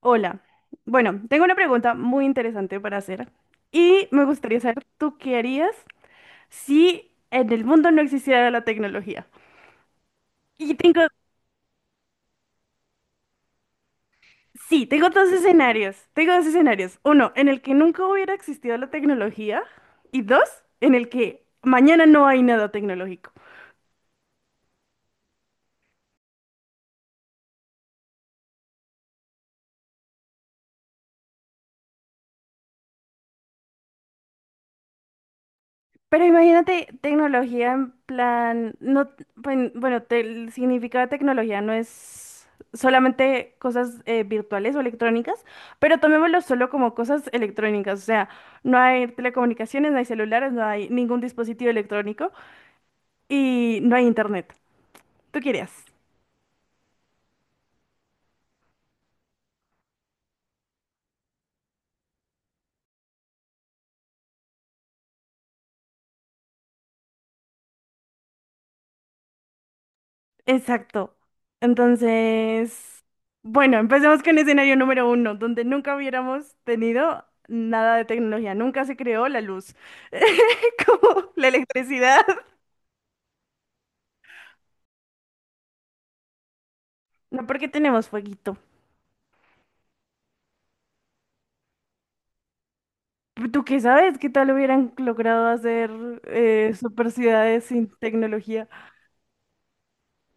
Hola. Bueno, tengo una pregunta muy interesante para hacer y me gustaría saber, ¿tú qué harías si en el mundo no existiera la tecnología? Y tengo, sí, tengo dos escenarios. Tengo dos escenarios. Uno, en el que nunca hubiera existido la tecnología y dos, en el que mañana no hay nada tecnológico. Pero imagínate tecnología en plan, no, bueno, el significado de tecnología no es solamente cosas virtuales o electrónicas, pero tomémoslo solo como cosas electrónicas, o sea, no hay telecomunicaciones, no hay celulares, no hay ningún dispositivo electrónico y no hay internet. ¿Tú querías? Exacto. Entonces, bueno, empecemos con escenario número uno, donde nunca hubiéramos tenido nada de tecnología, nunca se creó la luz, como la electricidad. No, porque tenemos fueguito. ¿Tú qué sabes? ¿Qué tal hubieran logrado hacer super ciudades sin tecnología?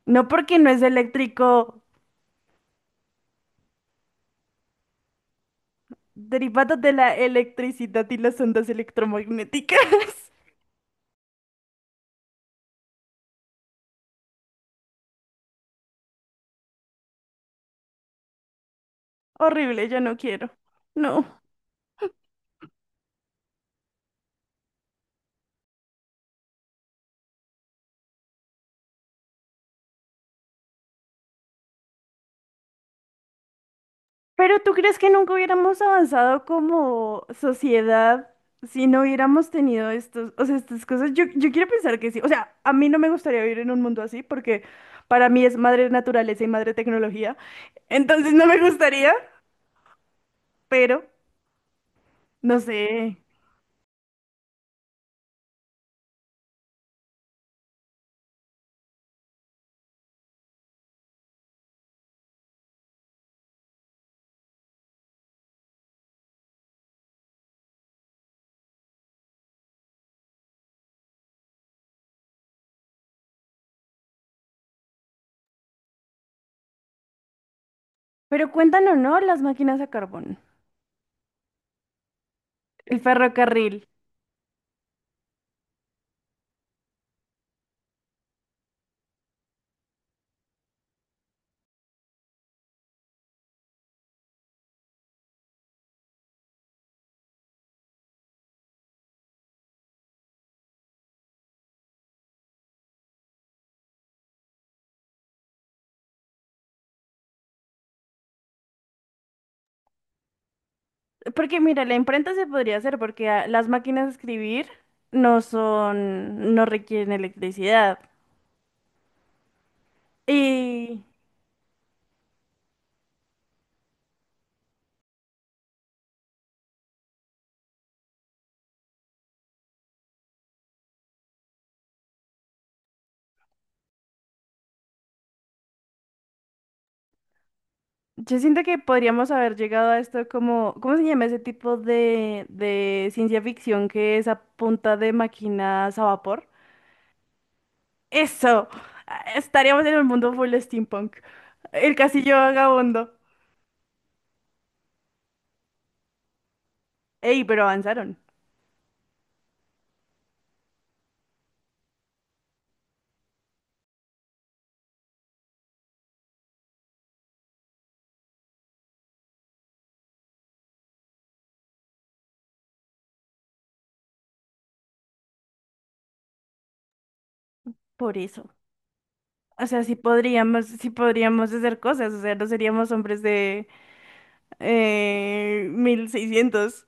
No porque no es eléctrico, derivado de la electricidad y las ondas electromagnéticas. Horrible, yo no quiero. No. Pero ¿tú crees que nunca hubiéramos avanzado como sociedad si no hubiéramos tenido estos, o sea, estas cosas? Yo quiero pensar que sí. O sea, a mí no me gustaría vivir en un mundo así porque para mí es madre naturaleza y madre tecnología. Entonces no me gustaría, pero no sé. Pero cuentan o no las máquinas a carbón, el ferrocarril. Porque mira, la imprenta se podría hacer porque las máquinas de escribir no son, no requieren electricidad. Y yo siento que podríamos haber llegado a esto como, ¿cómo se llama ese tipo de ciencia ficción que es a punta de máquinas a vapor? Eso, ah, estaríamos en el mundo full steampunk. El castillo vagabundo. Ey, pero avanzaron. Por eso. O sea, sí podríamos hacer cosas. O sea, no seríamos hombres de 1600.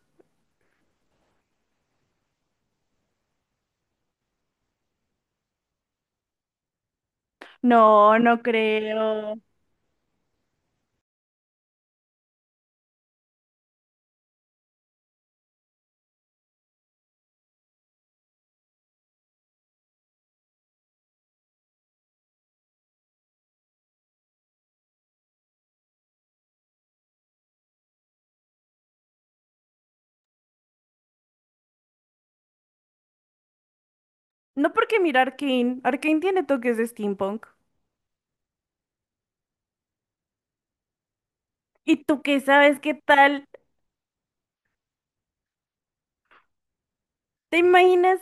No, no creo. No porque mira Arkane. Arkane tiene toques de steampunk. ¿Y tú qué sabes qué tal? ¿Te imaginas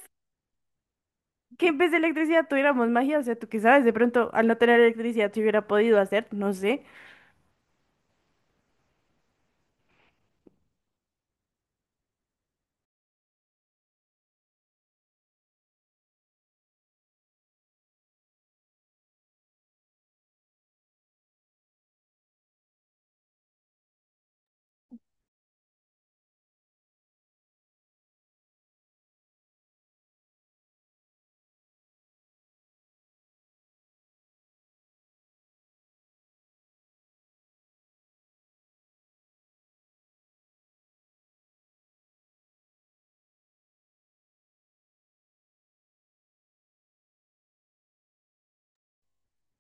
que en vez de electricidad tuviéramos magia? O sea, tú qué sabes, de pronto al no tener electricidad se hubiera podido hacer, no sé.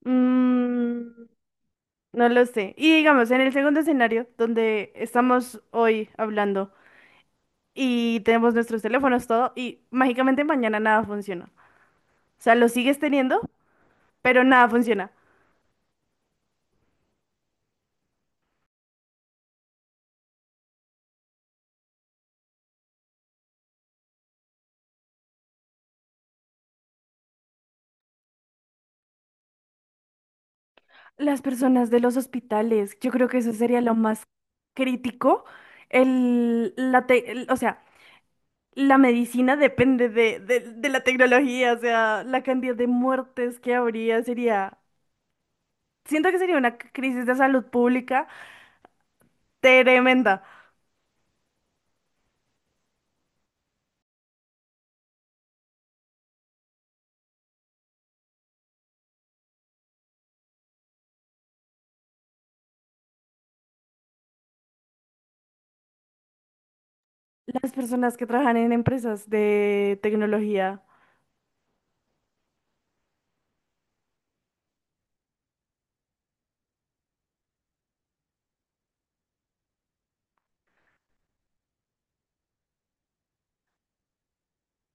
Mm, no lo sé. Y digamos, en el segundo escenario, donde estamos hoy hablando y tenemos nuestros teléfonos, todo, y mágicamente mañana nada funciona. O sea, lo sigues teniendo, pero nada funciona. Las personas de los hospitales, yo creo que eso sería lo más crítico. El, la te- el- o sea, la medicina depende de la tecnología, o sea, la cantidad de muertes que habría sería, siento que sería una crisis de salud pública tremenda. Las personas que trabajan en empresas de tecnología,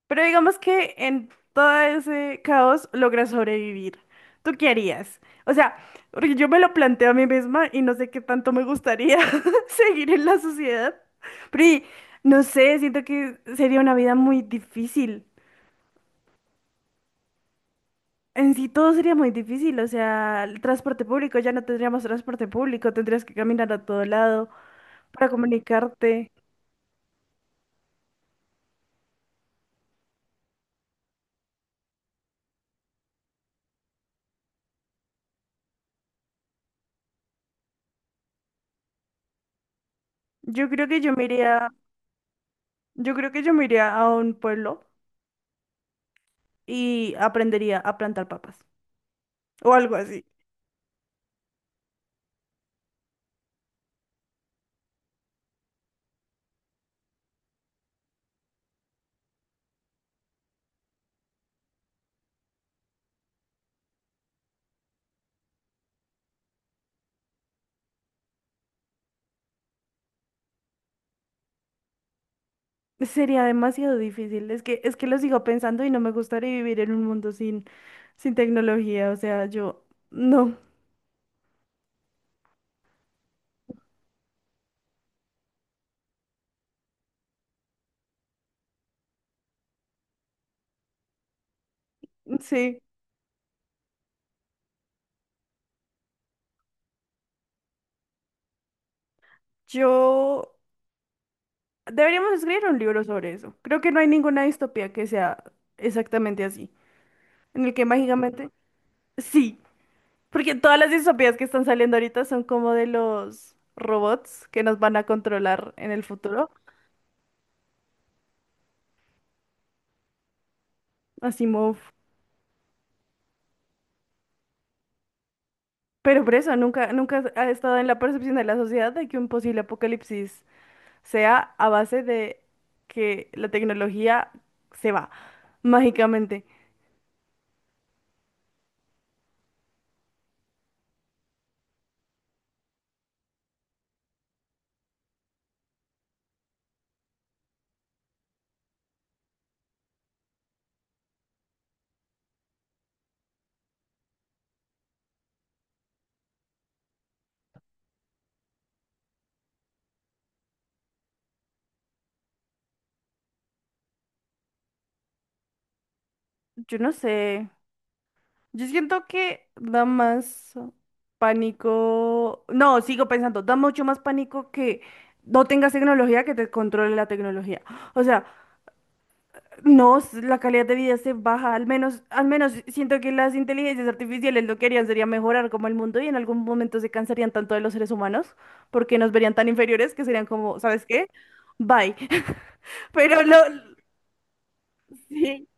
pero digamos que en todo ese caos logra sobrevivir. ¿Tú qué harías? O sea, porque yo me lo planteo a mí misma y no sé qué tanto me gustaría seguir en la sociedad, pero y, no sé, siento que sería una vida muy difícil. En sí todo sería muy difícil, o sea, el transporte público, ya no tendríamos transporte público, tendrías que caminar a todo lado para comunicarte. Yo creo que yo me iría, yo creo que yo me iría a un pueblo y aprendería a plantar papas o algo así. Sería demasiado difícil, es que lo sigo pensando y no me gustaría vivir en un mundo sin tecnología, o sea, yo no, sí, yo deberíamos escribir un libro sobre eso. Creo que no hay ninguna distopía que sea exactamente así, en el que mágicamente... Sí, porque todas las distopías que están saliendo ahorita son como de los robots que nos van a controlar en el futuro. Asimov. Pero por eso, nunca ha estado en la percepción de la sociedad de que un posible apocalipsis sea a base de que la tecnología se va mágicamente. Yo no sé. Yo siento que da más pánico. No, sigo pensando, da mucho más pánico que no tengas tecnología que te controle la tecnología. O sea, no, s- la calidad de vida se baja. Al menos siento que las inteligencias artificiales lo que harían sería mejorar como el mundo y en algún momento se cansarían tanto de los seres humanos porque nos verían tan inferiores que serían como, ¿sabes qué? Bye. Pero lo. Sí,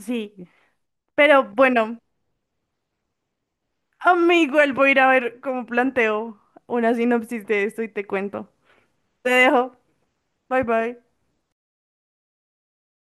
sí. Pero bueno. Amigo, él voy a ir a ver cómo planteo una sinopsis de esto y te cuento. Te dejo. Bye bye.